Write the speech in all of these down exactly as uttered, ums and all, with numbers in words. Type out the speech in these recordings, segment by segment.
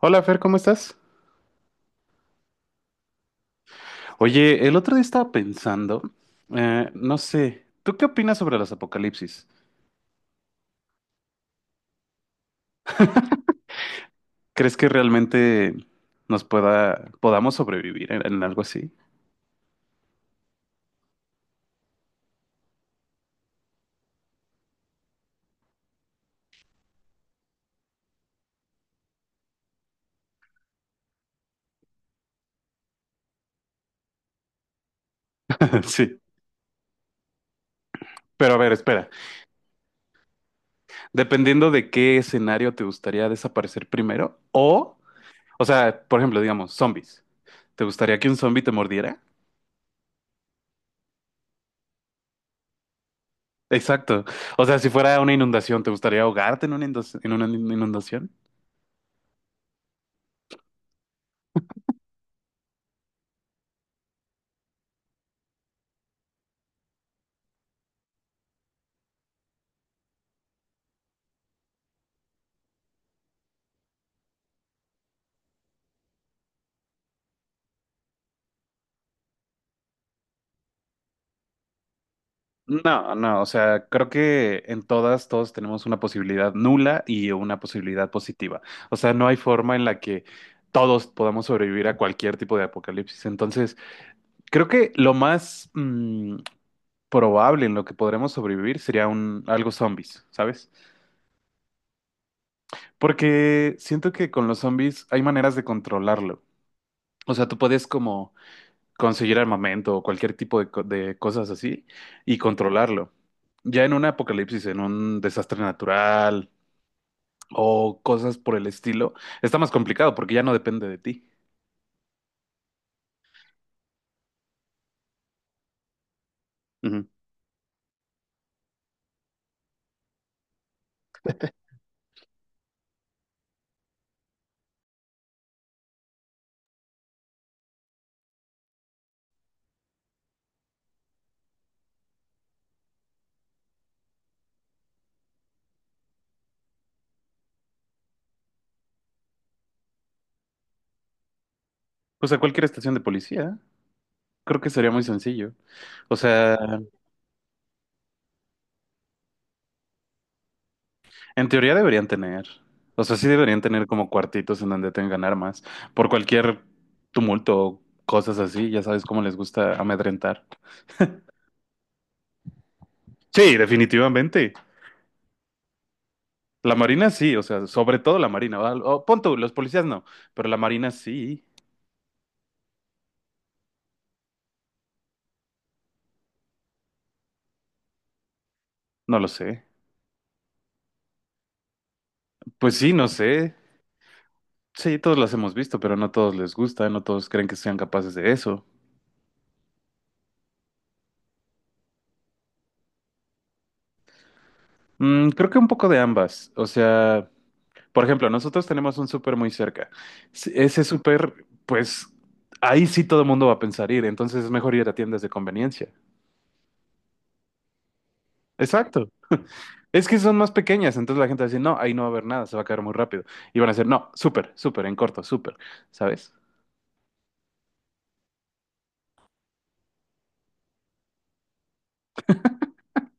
Hola Fer, ¿cómo estás? Oye, el otro día estaba pensando, eh, no sé, ¿tú qué opinas sobre los apocalipsis? ¿Crees que realmente nos pueda, podamos sobrevivir en, en algo así? Sí. Pero a ver, espera, dependiendo de qué escenario te gustaría desaparecer primero, o, o sea, por ejemplo, digamos, zombies. ¿Te gustaría que un zombie te mordiera? Exacto. O sea, si fuera una inundación, ¿te gustaría ahogarte en una inundac- en una inundación? No, no, o sea, creo que en todas, todos tenemos una posibilidad nula y una posibilidad positiva. O sea, no hay forma en la que todos podamos sobrevivir a cualquier tipo de apocalipsis. Entonces, creo que lo más mm, probable en lo que podremos sobrevivir sería un algo zombies, ¿sabes? Porque siento que con los zombies hay maneras de controlarlo. O sea, tú puedes como conseguir armamento o cualquier tipo de, co- de cosas así y controlarlo. Ya en un apocalipsis, en un desastre natural o cosas por el estilo, está más complicado porque ya no depende de ti. Ujú. Pues a cualquier estación de policía, creo que sería muy sencillo. O sea, en teoría deberían tener, o sea, sí deberían tener como cuartitos en donde tengan armas por cualquier tumulto o cosas así, ya sabes cómo les gusta amedrentar. Sí, definitivamente. La marina sí, o sea, sobre todo la marina. ¿Va? O, pon tú, los policías no, pero la marina sí, no lo sé. Pues sí, no sé. Sí, todos las hemos visto, pero no todos les gusta, no todos creen que sean capaces de eso. Mm, creo que un poco de ambas. O sea, por ejemplo, nosotros tenemos un súper muy cerca. S- Ese súper, pues ahí sí todo el mundo va a pensar ir, entonces es mejor ir a tiendas de conveniencia. Exacto. Es que son más pequeñas, entonces la gente va a decir, no, ahí no va a haber nada, se va a caer muy rápido. Y van a decir, no, súper, súper, en corto, súper, ¿sabes?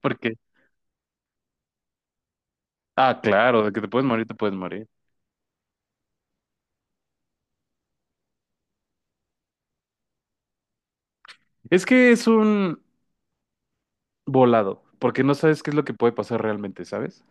Porque, ah, claro, de que te puedes morir, te puedes morir. Es que es un volado, porque no sabes qué es lo que puede pasar realmente, ¿sabes?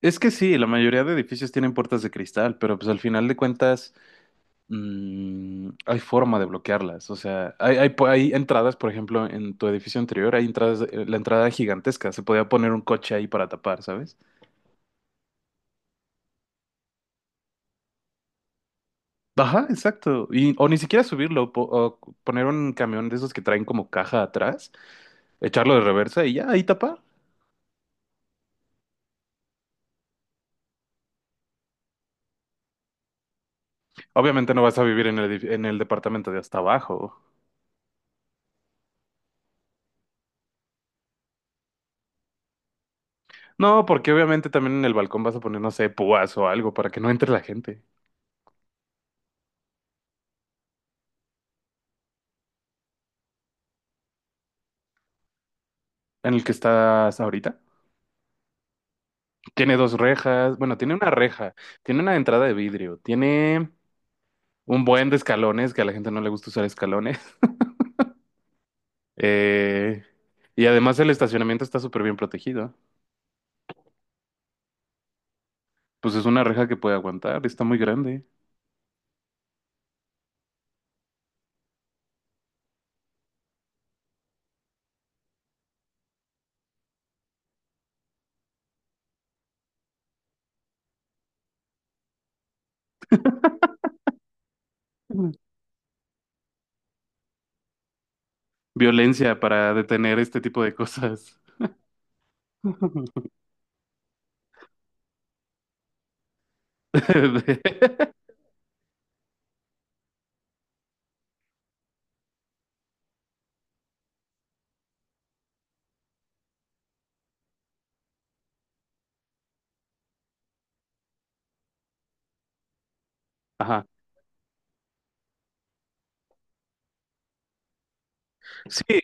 Es que sí, la mayoría de edificios tienen puertas de cristal, pero pues al final de cuentas mm, hay forma de bloquearlas. O sea, hay, hay, po- hay entradas, por ejemplo, en tu edificio anterior, hay entradas, eh, la entrada gigantesca, se podía poner un coche ahí para tapar, ¿sabes? Ajá, exacto. Y, o ni siquiera subirlo, po- o poner un camión de esos que traen como caja atrás, echarlo de reversa y ya, ahí tapar. Obviamente no vas a vivir en el, edif- en el departamento de hasta abajo. No, porque obviamente también en el balcón vas a poner, no sé, púas o algo para que no entre la gente. En el que estás ahorita. Tiene dos rejas, bueno, tiene una reja, tiene una entrada de vidrio, tiene un buen de escalones, que a la gente no le gusta usar escalones. Eh, y además el estacionamiento está súper bien protegido. Pues es una reja que puede aguantar, está muy grande. Ujú. Violencia para detener este tipo de cosas. Ajá. Sí,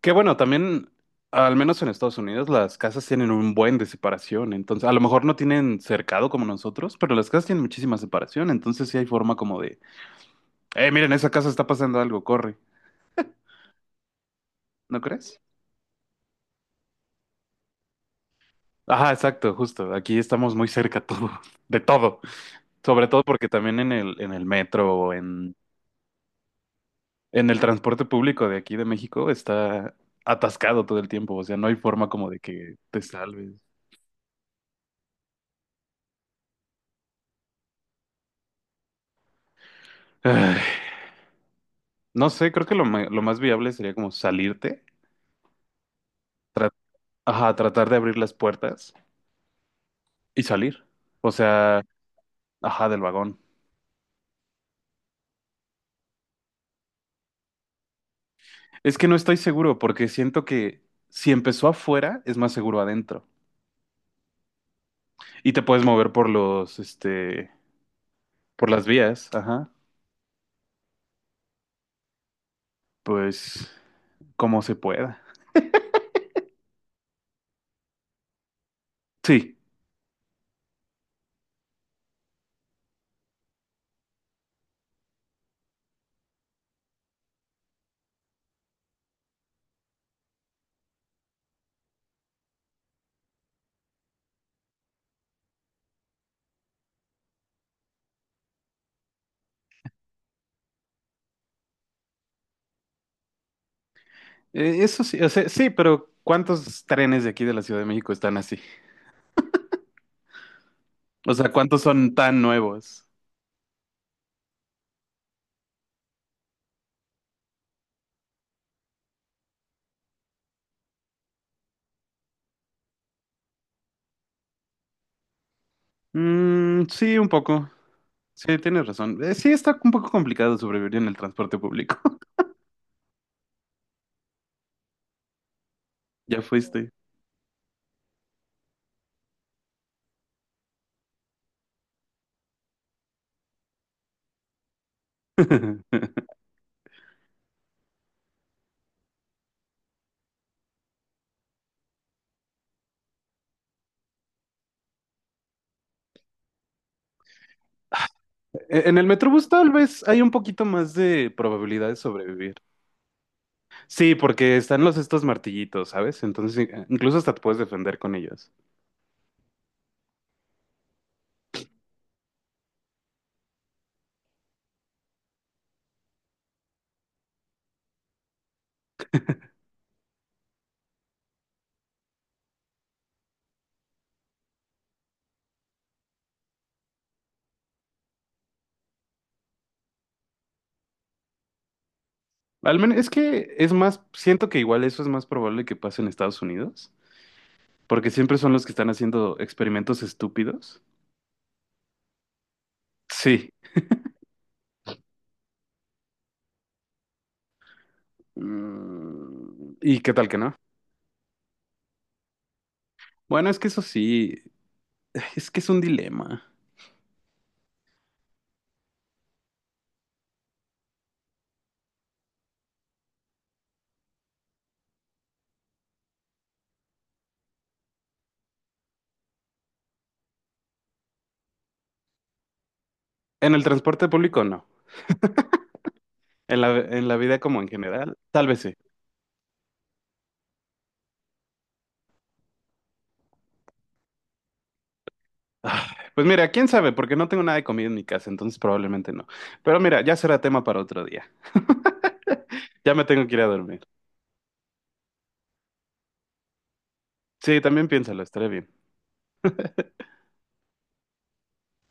que bueno, también, al menos en Estados Unidos, las casas tienen un buen de separación. Entonces, a lo mejor no tienen cercado como nosotros, pero las casas tienen muchísima separación. Entonces, sí hay forma como de, eh, miren, esa casa está pasando algo, corre. ¿No crees? Ajá, exacto, justo. Aquí estamos muy cerca todo, de todo. Sobre todo porque también en el, en el metro o en, en el transporte público de aquí de México está atascado todo el tiempo. O sea, no hay forma como de que te salves. Ay, no sé, creo que lo, ma- lo más viable sería como salirte. Ajá, tratar de abrir las puertas y salir. O sea, ajá, del vagón. Es que no estoy seguro porque siento que si empezó afuera es más seguro adentro. Y te puedes mover por los, este, por las vías, ajá. Pues como se pueda. Sí, eh, eso sí, o sea, sí, pero ¿cuántos trenes de aquí de la Ciudad de México están así? O sea, ¿cuántos son tan nuevos? Mm, sí, un poco. Sí, tienes razón. Eh, sí, está un poco complicado sobrevivir en el transporte público. Ya fuiste. E- En el Metrobús tal vez hay un poquito más de probabilidad de sobrevivir. Sí, porque están los estos martillitos, ¿sabes? Entonces i- incluso hasta te puedes defender con ellos. Al menos es que es más, siento que igual eso es más probable que pase en Estados Unidos, porque siempre son los que están haciendo experimentos estúpidos. Sí. Mm, ¿y qué tal que no? Bueno, es que eso sí, es que es un dilema. En el transporte público no. En la, en la vida como en general, tal vez sí. Ah, pues mira, quién sabe, porque no tengo nada de comida en mi casa, entonces probablemente no. Pero mira, ya será tema para otro día. Ya me tengo que ir a dormir. Sí, también piénsalo, estaré bien.